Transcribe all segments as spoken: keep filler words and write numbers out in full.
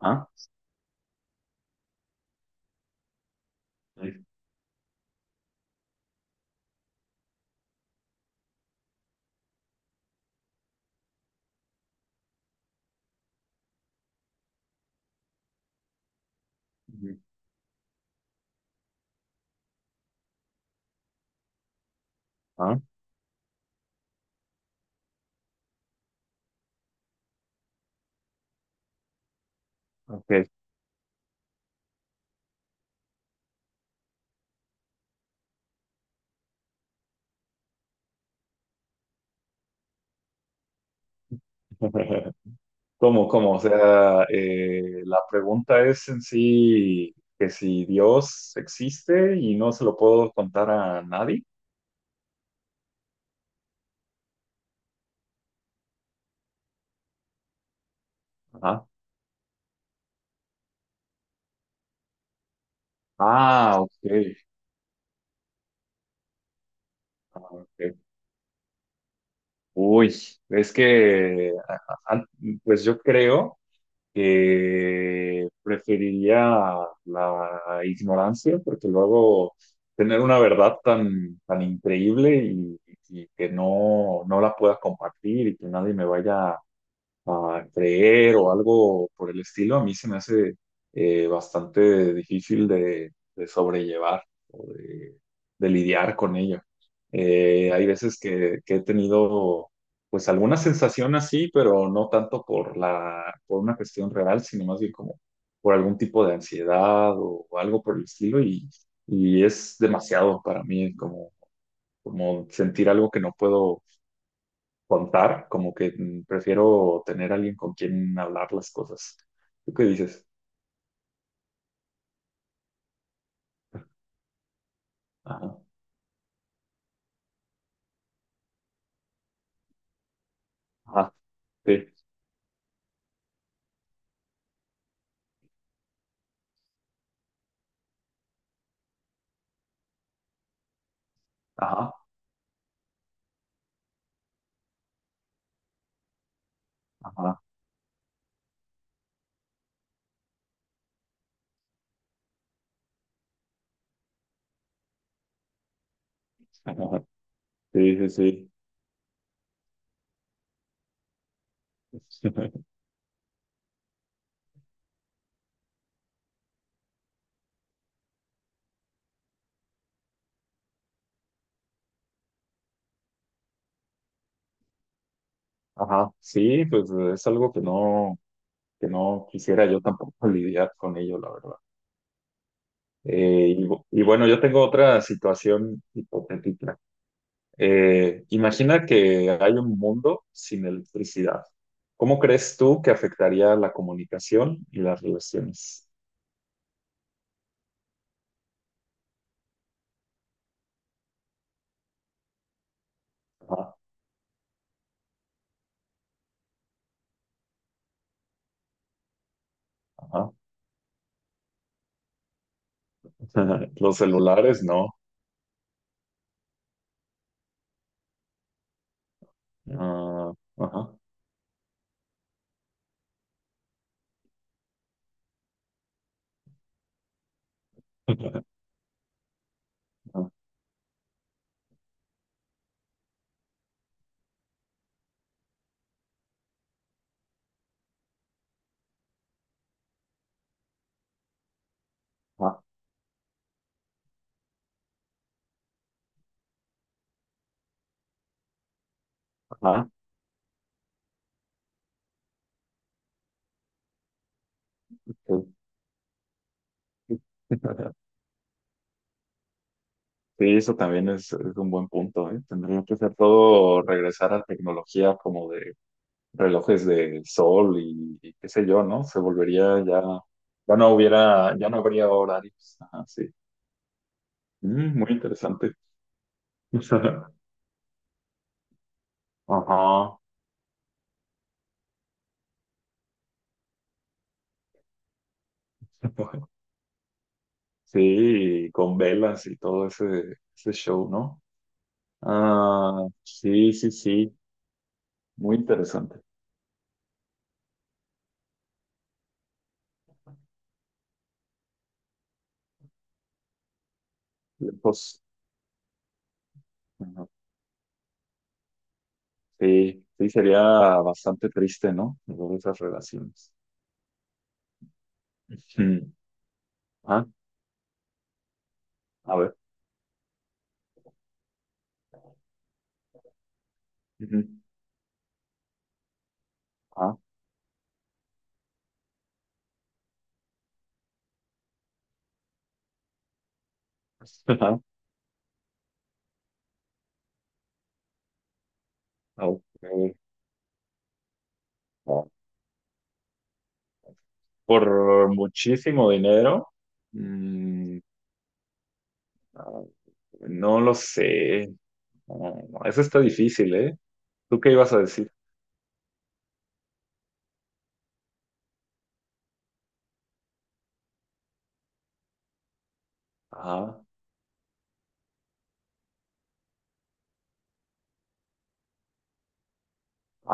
Ah, ujú. ah, ok. ¿Cómo, cómo? O sea, eh, la pregunta es en sí que si Dios existe y no se lo puedo contar a nadie. Ajá. Ah, ok. Ah, ok. Uy, es que, a- a- a- pues yo creo. Eh, preferiría la ignorancia, porque luego tener una verdad tan, tan increíble y, y que no, no la pueda compartir y que nadie me vaya a creer o algo por el estilo. A mí se me hace eh, bastante difícil de, de sobrellevar o de, de lidiar con ello. Eh, hay veces que, que he tenido pues alguna sensación así, pero no tanto por la, por una cuestión real, sino más bien como por algún tipo de ansiedad o algo por el estilo, y, y es demasiado para mí, como, como sentir algo que no puedo contar. Como que mm, prefiero tener alguien con quien hablar las cosas. ¿Tú qué dices? Ajá, ajá, sí, ajá, ajá, ajá, sí, sí, sí. Ajá, sí, pues es algo que no, que no quisiera yo tampoco lidiar con ello, la verdad. Eh, y, bu- y bueno, yo tengo otra situación hipotética. Eh, imagina que hay un mundo sin electricidad. ¿Cómo crees tú que afectaría la comunicación y las relaciones? Ajá. Los celulares, no. Ah, ajá. Ajá, ajá. Sí. Sí, eso también es, es un buen punto, ¿eh? Tendría que ser todo regresar a tecnología como de relojes de sol y, y qué sé yo, ¿no? Se volvería ya, ya no hubiera, ya no habría horarios. Ajá, sí. Mm, muy interesante. Ajá. Sí, con velas y todo ese, ese show, ¿no? Ah, sí, sí, sí. Muy interesante. Lejos. Ajá. Sí, sí, sería bastante triste, ¿no? Luego esas relaciones. Mm. Ah, a ver. Ujú. Ah. Ajá. Ok. Ah. Por muchísimo dinero. Mm, ah, no lo sé. Ah, eso está difícil, ¿eh? ¿Tú qué ibas a decir? Ah,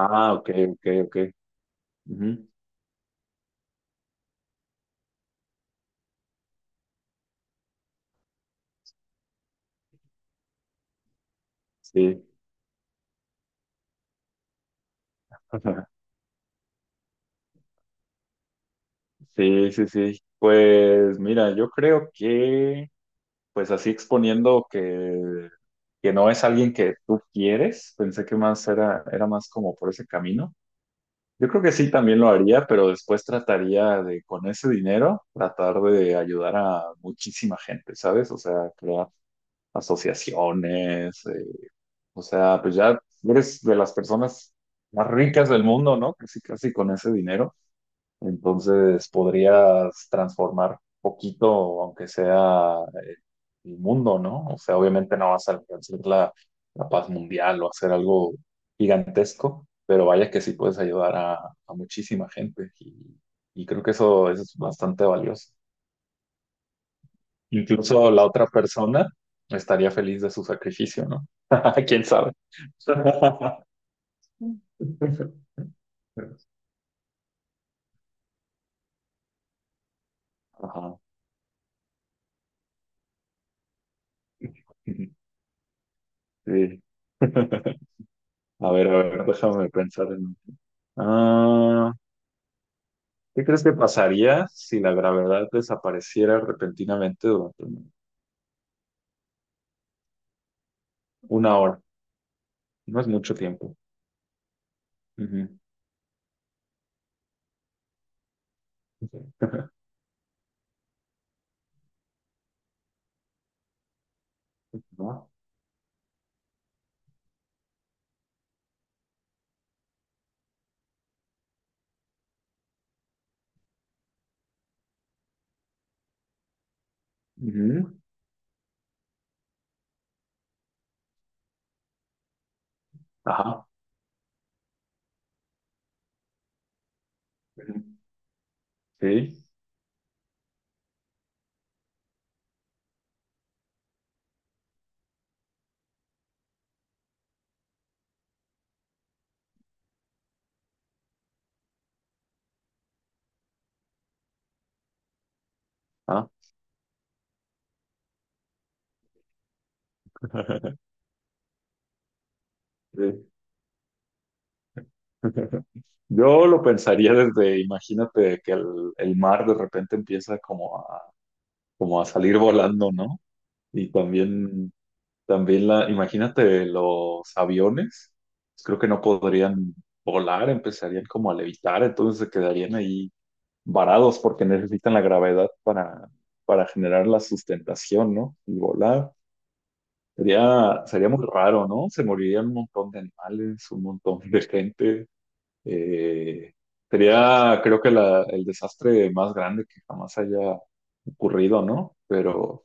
ah, ok, ok, ok. Ujú. Sí. Sí, sí, sí. Pues mira, yo creo que pues así exponiendo que, que no es alguien que tú quieres, pensé que más era, era más como por ese camino. Yo creo que sí también lo haría, pero después trataría de, con ese dinero, tratar de ayudar a muchísima gente, ¿sabes? O sea, crear asociaciones. Eh, o sea, pues ya eres de las personas más ricas del mundo, ¿no? Casi, casi con ese dinero. Entonces podrías transformar poquito, aunque sea, eh, el mundo, ¿no? O sea, obviamente no vas a alcanzar la, la paz mundial o hacer algo gigantesco, pero vaya que sí puedes ayudar a, a muchísima gente, y, y creo que eso es bastante valioso. Incluso la otra persona estaría feliz de su sacrificio, ¿no? ¿Quién sabe? Ajá. Sí. A ver, a ver, déjame pensar en... Ah, ¿qué crees que pasaría si la gravedad desapareciera repentinamente durante una hora? No es mucho tiempo. Ujú. ¿No? Ujú. Ajá. Ujú. Sí. Ah. Sí. Yo lo pensaría desde, imagínate que el, el mar de repente empieza como a, como a salir volando, ¿no? Y también también la, imagínate los aviones, creo que no podrían volar, empezarían como a levitar, entonces se quedarían ahí varados porque necesitan la gravedad para, para generar la sustentación, ¿no? Y volar. Sería, sería muy raro, ¿no? Se morirían un montón de animales, un montón de gente. Eh, Sería, creo que la- el desastre más grande que jamás haya ocurrido, ¿no? Pero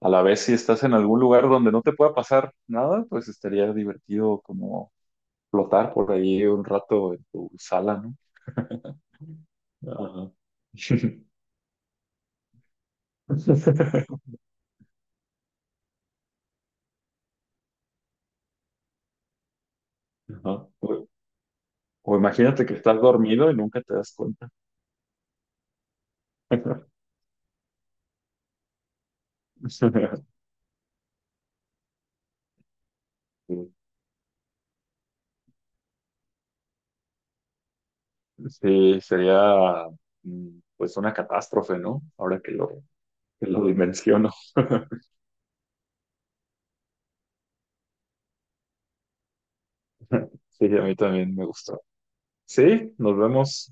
a la vez si estás en algún lugar donde no te pueda pasar nada, pues estaría divertido como flotar por ahí un rato en tu sala, ¿no? Ajá. Ajá. O, o imagínate que estás dormido y nunca te das cuenta. Sí, sí, sería, mm, pues una catástrofe, ¿no? Ahora que lo, que lo dimensiono. Sí, a mí también me gustó. Sí, nos vemos.